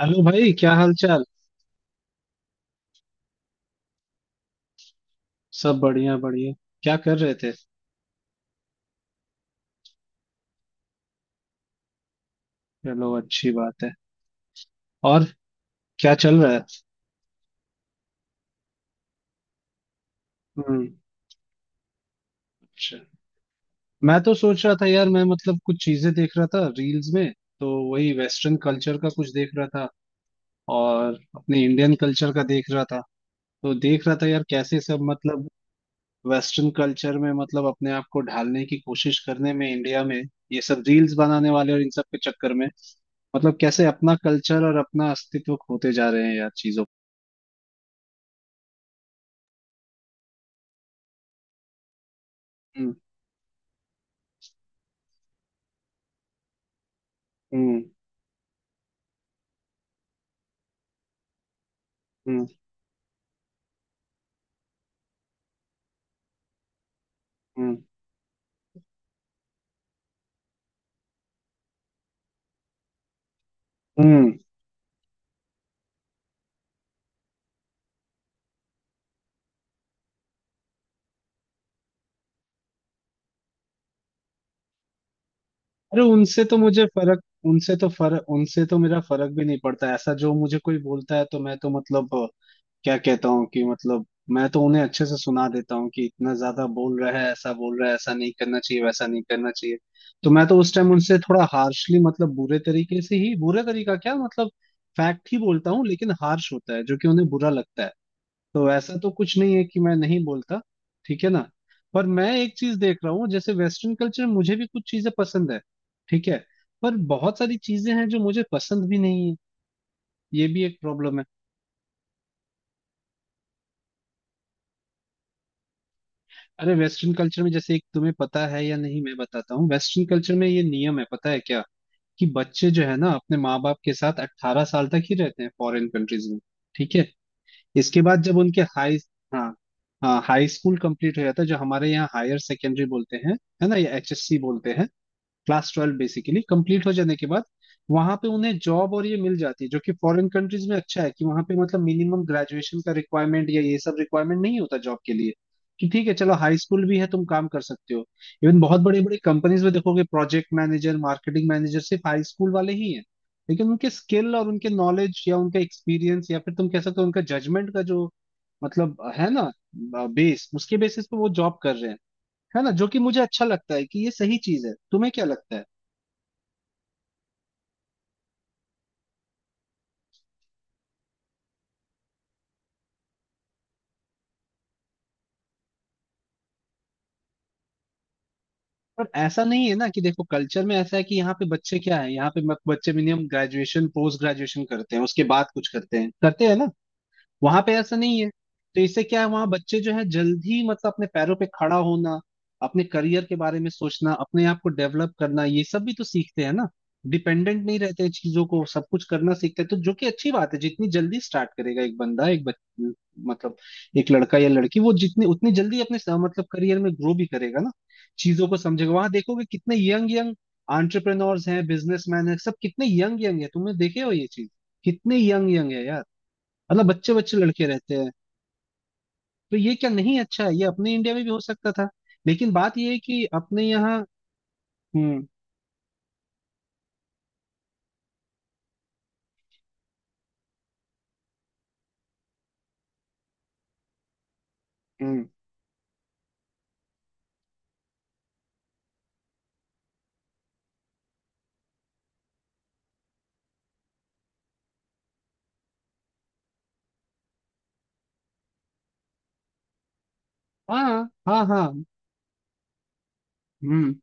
Hello भाई, क्या हाल चाल। सब बढ़िया बढ़िया। क्या कर रहे थे? चलो, अच्छी बात है। और क्या चल रहा है? हम्म। अच्छा। मैं तो सोच रहा था यार, मैं मतलब कुछ चीजें देख रहा था रील्स में। तो वही वेस्टर्न कल्चर का कुछ देख रहा था और अपने इंडियन कल्चर का देख रहा था। तो देख रहा था यार कैसे सब मतलब वेस्टर्न कल्चर में मतलब अपने आप को ढालने की कोशिश करने में, इंडिया में ये सब रील्स बनाने वाले और इन सब के चक्कर में, मतलब कैसे अपना कल्चर और अपना अस्तित्व खोते जा रहे हैं यार चीजों। हम्म, हम्म, हम्म, हम्म, हम्म। अरे, उनसे तो मुझे फर्क उनसे तो मेरा फर्क भी नहीं पड़ता। ऐसा जो मुझे कोई बोलता है तो मैं तो मतलब क्या कहता हूँ कि मतलब, मैं तो उन्हें अच्छे से सुना देता हूँ कि इतना ज्यादा बोल रहा है, ऐसा बोल रहा है, ऐसा नहीं करना चाहिए, वैसा नहीं करना चाहिए। तो मैं तो उस टाइम उनसे थोड़ा हार्शली, मतलब बुरे तरीके से ही, बुरे तरीका क्या, मतलब फैक्ट ही बोलता हूँ, लेकिन हार्श होता है जो कि उन्हें बुरा लगता है। तो ऐसा तो कुछ नहीं है कि मैं नहीं बोलता, ठीक है ना। पर मैं एक चीज देख रहा हूँ, जैसे वेस्टर्न कल्चर मुझे भी कुछ चीजें पसंद है, ठीक है। पर बहुत सारी चीजें हैं जो मुझे पसंद भी नहीं है, ये भी एक प्रॉब्लम है। अरे वेस्टर्न कल्चर में जैसे एक तुम्हें पता है या नहीं, मैं बताता हूँ। वेस्टर्न कल्चर में ये नियम है, पता है क्या, कि बच्चे जो है ना अपने माँ बाप के साथ 18 साल तक ही रहते हैं फॉरेन कंट्रीज में। ठीक है। इसके बाद जब उनके हाई, हाँ, हाँ हाई स्कूल कंप्लीट हो जाता है, जो हमारे यहाँ हायर सेकेंडरी बोलते हैं, है ना, या एचएससी बोलते हैं। क्लास 12 बेसिकली कंप्लीट हो जाने के बाद वहां पे उन्हें जॉब और ये मिल जाती है। जो कि फॉरेन कंट्रीज में अच्छा है कि वहां पे मतलब मिनिमम ग्रेजुएशन का रिक्वायरमेंट या ये सब रिक्वायरमेंट नहीं होता जॉब के लिए, कि ठीक है चलो हाई स्कूल भी है, तुम काम कर सकते हो। इवन बहुत बड़े बड़े कंपनीज में देखोगे प्रोजेक्ट मैनेजर, मार्केटिंग मैनेजर सिर्फ हाई स्कूल वाले ही हैं। लेकिन उनके स्किल और उनके नॉलेज या उनका एक्सपीरियंस या फिर तुम कह सकते हो उनका जजमेंट का जो मतलब, है ना, बेस, उसके बेसिस पे वो जॉब कर रहे हैं। है ना, जो कि मुझे अच्छा लगता है कि ये सही चीज है, तुम्हें क्या लगता है? पर ऐसा नहीं है ना कि देखो कल्चर में ऐसा है कि यहाँ पे बच्चे क्या है, यहाँ पे बच्चे मिनिमम ग्रेजुएशन पोस्ट ग्रेजुएशन करते हैं, उसके बाद कुछ करते हैं, करते हैं ना। वहां पे ऐसा नहीं है। तो इससे क्या है, वहां बच्चे जो है जल्दी मतलब अपने पैरों पे खड़ा होना, अपने करियर के बारे में सोचना, अपने आप को डेवलप करना, ये सब भी तो सीखते हैं ना। डिपेंडेंट नहीं रहते हैं चीजों को, सब कुछ करना सीखते हैं, तो जो कि अच्छी बात है। जितनी जल्दी स्टार्ट करेगा एक बंदा, एक मतलब एक लड़का या लड़की, वो जितनी उतनी जल्दी अपने मतलब करियर में ग्रो भी करेगा ना, चीजों को समझेगा। वहां देखोगे कितने यंग यंग एंटरप्रेन्योर्स हैं, बिजनेसमैन हैं, सब कितने यंग यंग है, तुमने देखे हो ये चीज? कितने यंग यंग है यार, मतलब बच्चे बच्चे लड़के रहते हैं। तो ये क्या नहीं अच्छा है, ये अपने इंडिया में भी हो सकता था। लेकिन बात ये है कि अपने यहाँ हम्म। हम्म, हाँ, हाँ, हाँ, हम्म।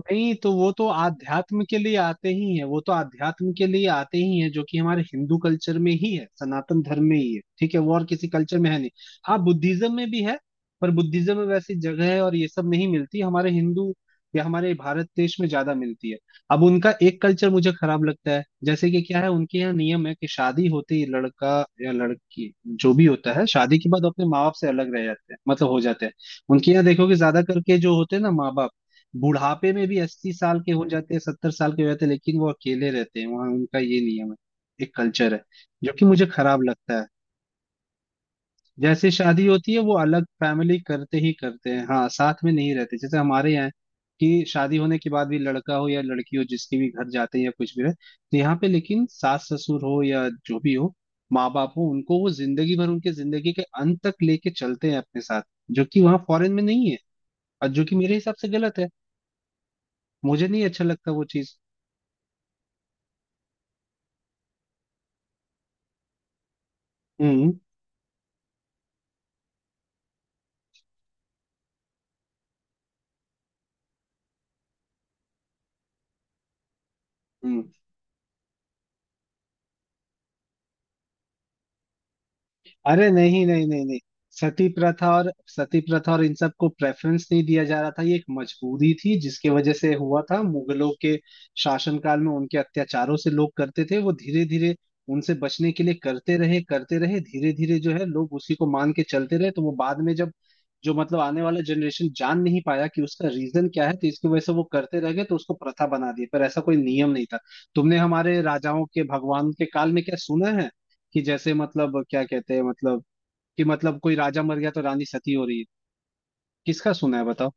नहीं, तो वो तो आध्यात्म के लिए आते ही है, वो तो आध्यात्म के लिए आते ही है, जो कि हमारे हिंदू कल्चर में ही है, सनातन धर्म में ही है, ठीक है। वो और किसी कल्चर में है नहीं। हाँ, बुद्धिज्म में भी है, पर बुद्धिज्म में वैसी जगह है और ये सब नहीं मिलती। हमारे हिंदू या हमारे भारत देश में ज्यादा मिलती है। अब उनका एक कल्चर मुझे खराब लगता है, जैसे कि क्या है, उनके यहाँ नियम है कि शादी होते ही लड़का या लड़की, जो भी होता है, शादी के बाद अपने माँ बाप से अलग रह जाते हैं, मतलब हो जाते हैं। उनके यहाँ देखोगे ज्यादा करके जो होते हैं ना माँ बाप, बुढ़ापे में भी, 80 साल के हो जाते हैं, 70 साल के हो जाते हैं, लेकिन वो अकेले रहते हैं। वहां उनका ये नियम है, एक कल्चर है, जो कि मुझे खराब लगता है। जैसे शादी होती है वो अलग फैमिली करते ही करते हैं, हाँ साथ में नहीं रहते, जैसे हमारे यहाँ है कि शादी होने के बाद भी लड़का हो या लड़की हो, जिसके भी घर जाते हैं या कुछ भी रहे, तो यहाँ पे लेकिन सास ससुर हो या जो भी हो, माँ बाप हो, उनको वो जिंदगी भर, उनके जिंदगी के अंत तक लेके चलते हैं अपने साथ। जो कि वहाँ फॉरेन में नहीं है, और जो कि मेरे हिसाब से गलत है। मुझे नहीं अच्छा लगता वो चीज। हम्म, हम्म। अरे नहीं, नहीं, नहीं, नहीं। सती प्रथा और इन सब को प्रेफरेंस नहीं दिया जा रहा था। ये एक मजबूरी थी जिसके वजह से हुआ था, मुगलों के शासनकाल में उनके अत्याचारों से लोग करते थे वो धीरे धीरे। उनसे बचने के लिए करते रहे, करते रहे, धीरे धीरे जो है लोग उसी को मान के चलते रहे। तो वो बाद में जब जो मतलब आने वाला जनरेशन जान नहीं पाया कि उसका रीजन क्या है, तो इसकी वजह से वो करते रह गए, तो उसको प्रथा बना दी। पर ऐसा कोई नियम नहीं था। तुमने हमारे राजाओं के, भगवान के काल में क्या सुना है कि जैसे मतलब क्या कहते हैं, मतलब कि मतलब कोई राजा मर गया तो रानी सती हो रही है? किसका सुना है, बताओ?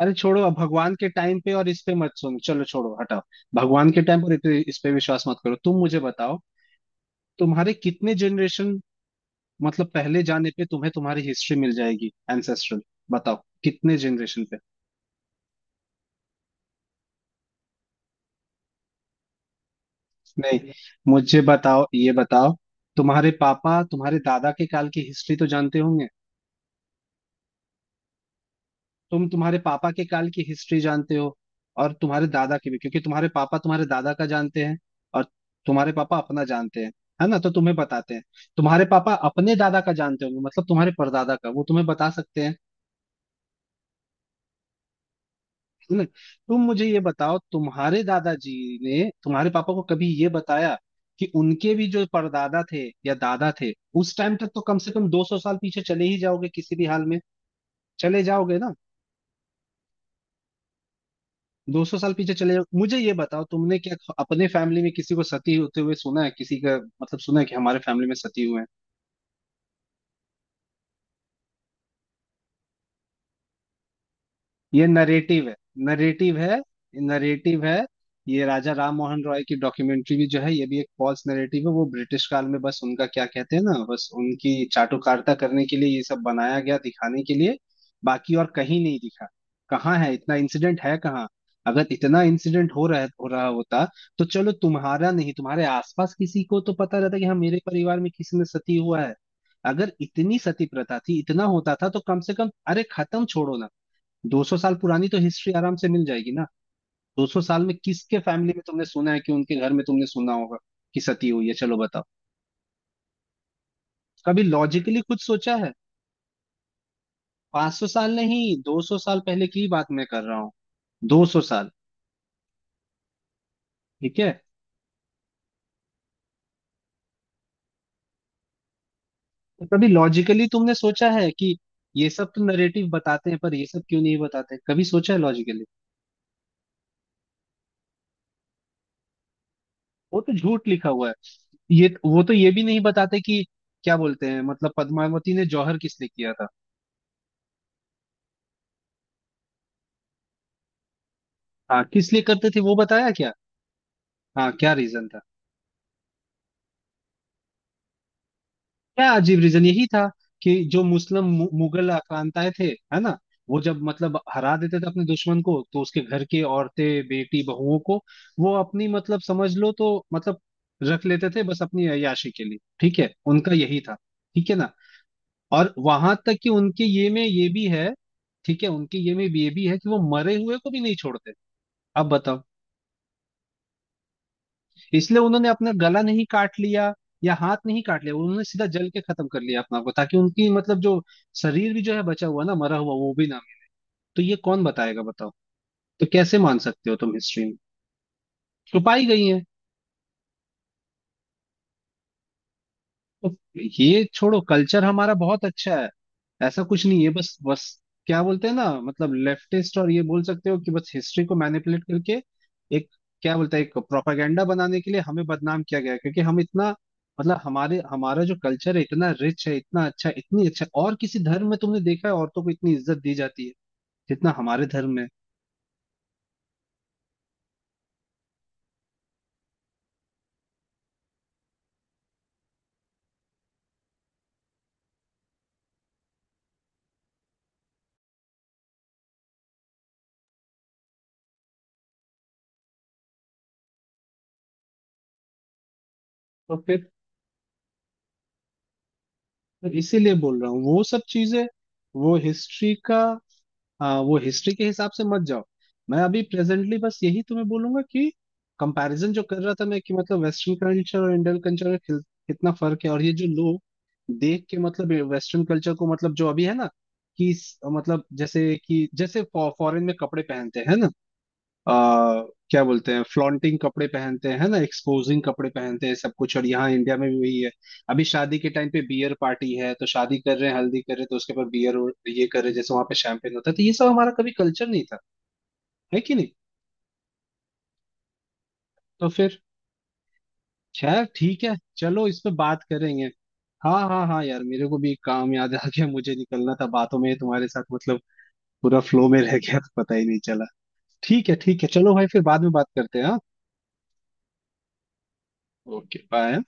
अरे छोड़ो, अब भगवान के टाइम पे और इस पे मत सुनो, चलो छोड़ो, हटाओ। भगवान के टाइम पर इस पे विश्वास मत करो। तुम मुझे बताओ, तुम्हारे कितने जनरेशन मतलब पहले जाने पे तुम्हें तुम्हारी हिस्ट्री मिल जाएगी, एंसेस्ट्रल। बताओ, कितने जनरेशन पे? नहीं, मुझे बताओ, ये बताओ। तुम्हारे पापा तुम्हारे दादा के काल की हिस्ट्री तो जानते होंगे। तुम तुम्हारे पापा के काल की हिस्ट्री जानते हो, और तुम्हारे दादा की भी, क्योंकि तुम्हारे पापा तुम्हारे दादा का जानते हैं। और तुम्हारे पापा अपना जानते हैं, है ना, तो तुम्हें बताते हैं। तुम्हारे पापा अपने दादा का जानते होंगे, मतलब तुम्हारे परदादा का, वो तुम्हें बता सकते हैं, है ना। तुम मुझे ये बताओ, तुम्हारे दादाजी ने तुम्हारे पापा को कभी ये बताया कि उनके भी जो परदादा थे या दादा थे, उस टाइम तक तो कम से कम 200 साल पीछे चले ही जाओगे किसी भी हाल में, चले जाओगे ना? 200 साल पीछे चले जाओ, मुझे ये बताओ, तुमने क्या अपने फैमिली में किसी को सती होते हुए सुना है, किसी का? मतलब सुना है कि हमारे फैमिली में सती हुए हैं? ये नरेटिव है, नरेटिव है, नरेटिव है। ये राजा राम मोहन रॉय की डॉक्यूमेंट्री भी जो है, ये भी एक फॉल्स नरेटिव है। वो ब्रिटिश काल में बस उनका क्या कहते हैं ना, बस उनकी चाटुकारिता करने के लिए ये सब बनाया गया, दिखाने के लिए। बाकी और कहीं नहीं दिखा। कहाँ है, इतना इंसिडेंट है कहाँ? अगर इतना इंसिडेंट हो रहा होता तो चलो तुम्हारा नहीं, तुम्हारे आसपास किसी को तो पता रहता कि हाँ मेरे परिवार में किसी ने सती हुआ है। अगर इतनी सती प्रथा थी, इतना होता था, तो कम से कम, अरे खत्म छोड़ो ना। 200 साल पुरानी तो हिस्ट्री आराम से मिल जाएगी ना। 200 साल में किसके फैमिली में तुमने सुना है, कि उनके घर में तुमने सुना होगा कि सती हुई है? चलो बताओ। कभी लॉजिकली कुछ सोचा है? 500 साल नहीं, 200 साल पहले की बात मैं कर रहा हूँ, 200 साल। ठीक है। तो कभी लॉजिकली तुमने सोचा है कि ये सब तो नरेटिव बताते हैं, पर ये सब क्यों नहीं बताते? कभी सोचा है लॉजिकली? वो तो झूठ लिखा हुआ है। ये वो तो ये भी नहीं बताते कि क्या बोलते हैं, मतलब पद्मावती ने जौहर किस लिए किया था? हाँ किस लिए करते थे, वो बताया क्या? हाँ, क्या रीजन था? क्या अजीब रीजन? यही था कि जो मुस्लिम मुगल आक्रांताएं थे, है ना, वो जब मतलब हरा देते थे अपने दुश्मन को, तो उसके घर के औरतें, बेटी, बहुओं को वो अपनी मतलब समझ लो तो मतलब रख लेते थे, बस अपनी अय्याशी के लिए। ठीक है, उनका यही था, ठीक है ना। और वहां तक कि उनके ये में ये भी है, ठीक है, उनके ये में भी ये भी है, कि वो मरे हुए को भी नहीं छोड़ते। अब बताओ, इसलिए उन्होंने अपना गला नहीं काट लिया या हाथ नहीं काट लिया, उन्होंने सीधा जल के खत्म कर लिया अपना को, ताकि उनकी मतलब जो शरीर भी जो है बचा हुआ ना, मरा हुआ वो भी ना मिले। तो ये कौन बताएगा, बताओ? तो कैसे मान सकते हो तुम, हिस्ट्री में छुपाई गई है। तो ये छोड़ो, कल्चर हमारा बहुत अच्छा है। ऐसा कुछ नहीं है, बस बस क्या बोलते हैं ना, मतलब लेफ्टिस्ट और ये बोल सकते हो कि बस हिस्ट्री को मैनिपुलेट करके एक, क्या बोलते हैं, एक प्रोपागेंडा बनाने के लिए हमें बदनाम किया गया है। क्योंकि हम इतना मतलब हमारे हमारा जो कल्चर है इतना रिच है, इतना अच्छा है, इतनी अच्छा, और किसी धर्म में तुमने देखा है औरतों को इतनी इज्जत दी जाती है जितना हमारे धर्म में? तो फिर इसीलिए बोल रहा हूँ वो सब चीजें, वो हिस्ट्री का, हाँ वो हिस्ट्री के हिसाब से मत जाओ। मैं अभी प्रेजेंटली बस यही तुम्हें बोलूंगा कि कंपैरिजन जो कर रहा था मैं, कि मतलब वेस्टर्न कल्चर और इंडियन कल्चर में कितना फर्क है, और ये जो लोग देख के मतलब वेस्टर्न कल्चर को, मतलब जो अभी है ना, कि मतलब जैसे कि, जैसे फॉरेन में कपड़े पहनते हैं ना, आ, क्या बोलते हैं, फ्लॉन्टिंग कपड़े पहनते हैं, है ना, एक्सपोजिंग कपड़े पहनते हैं, सब कुछ। और यहाँ इंडिया में भी वही है। अभी शादी के टाइम पे बियर पार्टी है, तो शादी कर रहे हैं, हल्दी कर रहे हैं, तो उसके ऊपर बियर और ये कर रहे हैं, जैसे वहां पे शैंपेन होता है। तो ये सब हमारा कभी कल्चर नहीं था, है कि नहीं? तो फिर, खैर ठीक है, चलो इस पे बात करेंगे। हाँ, हाँ, हाँ यार, मेरे को भी एक काम याद आ गया, मुझे निकलना था। बातों में तुम्हारे साथ मतलब पूरा फ्लो में रह गया तो पता ही नहीं चला। ठीक है, ठीक है, चलो भाई, फिर बाद में बात करते हैं, हाँ। Okay bye.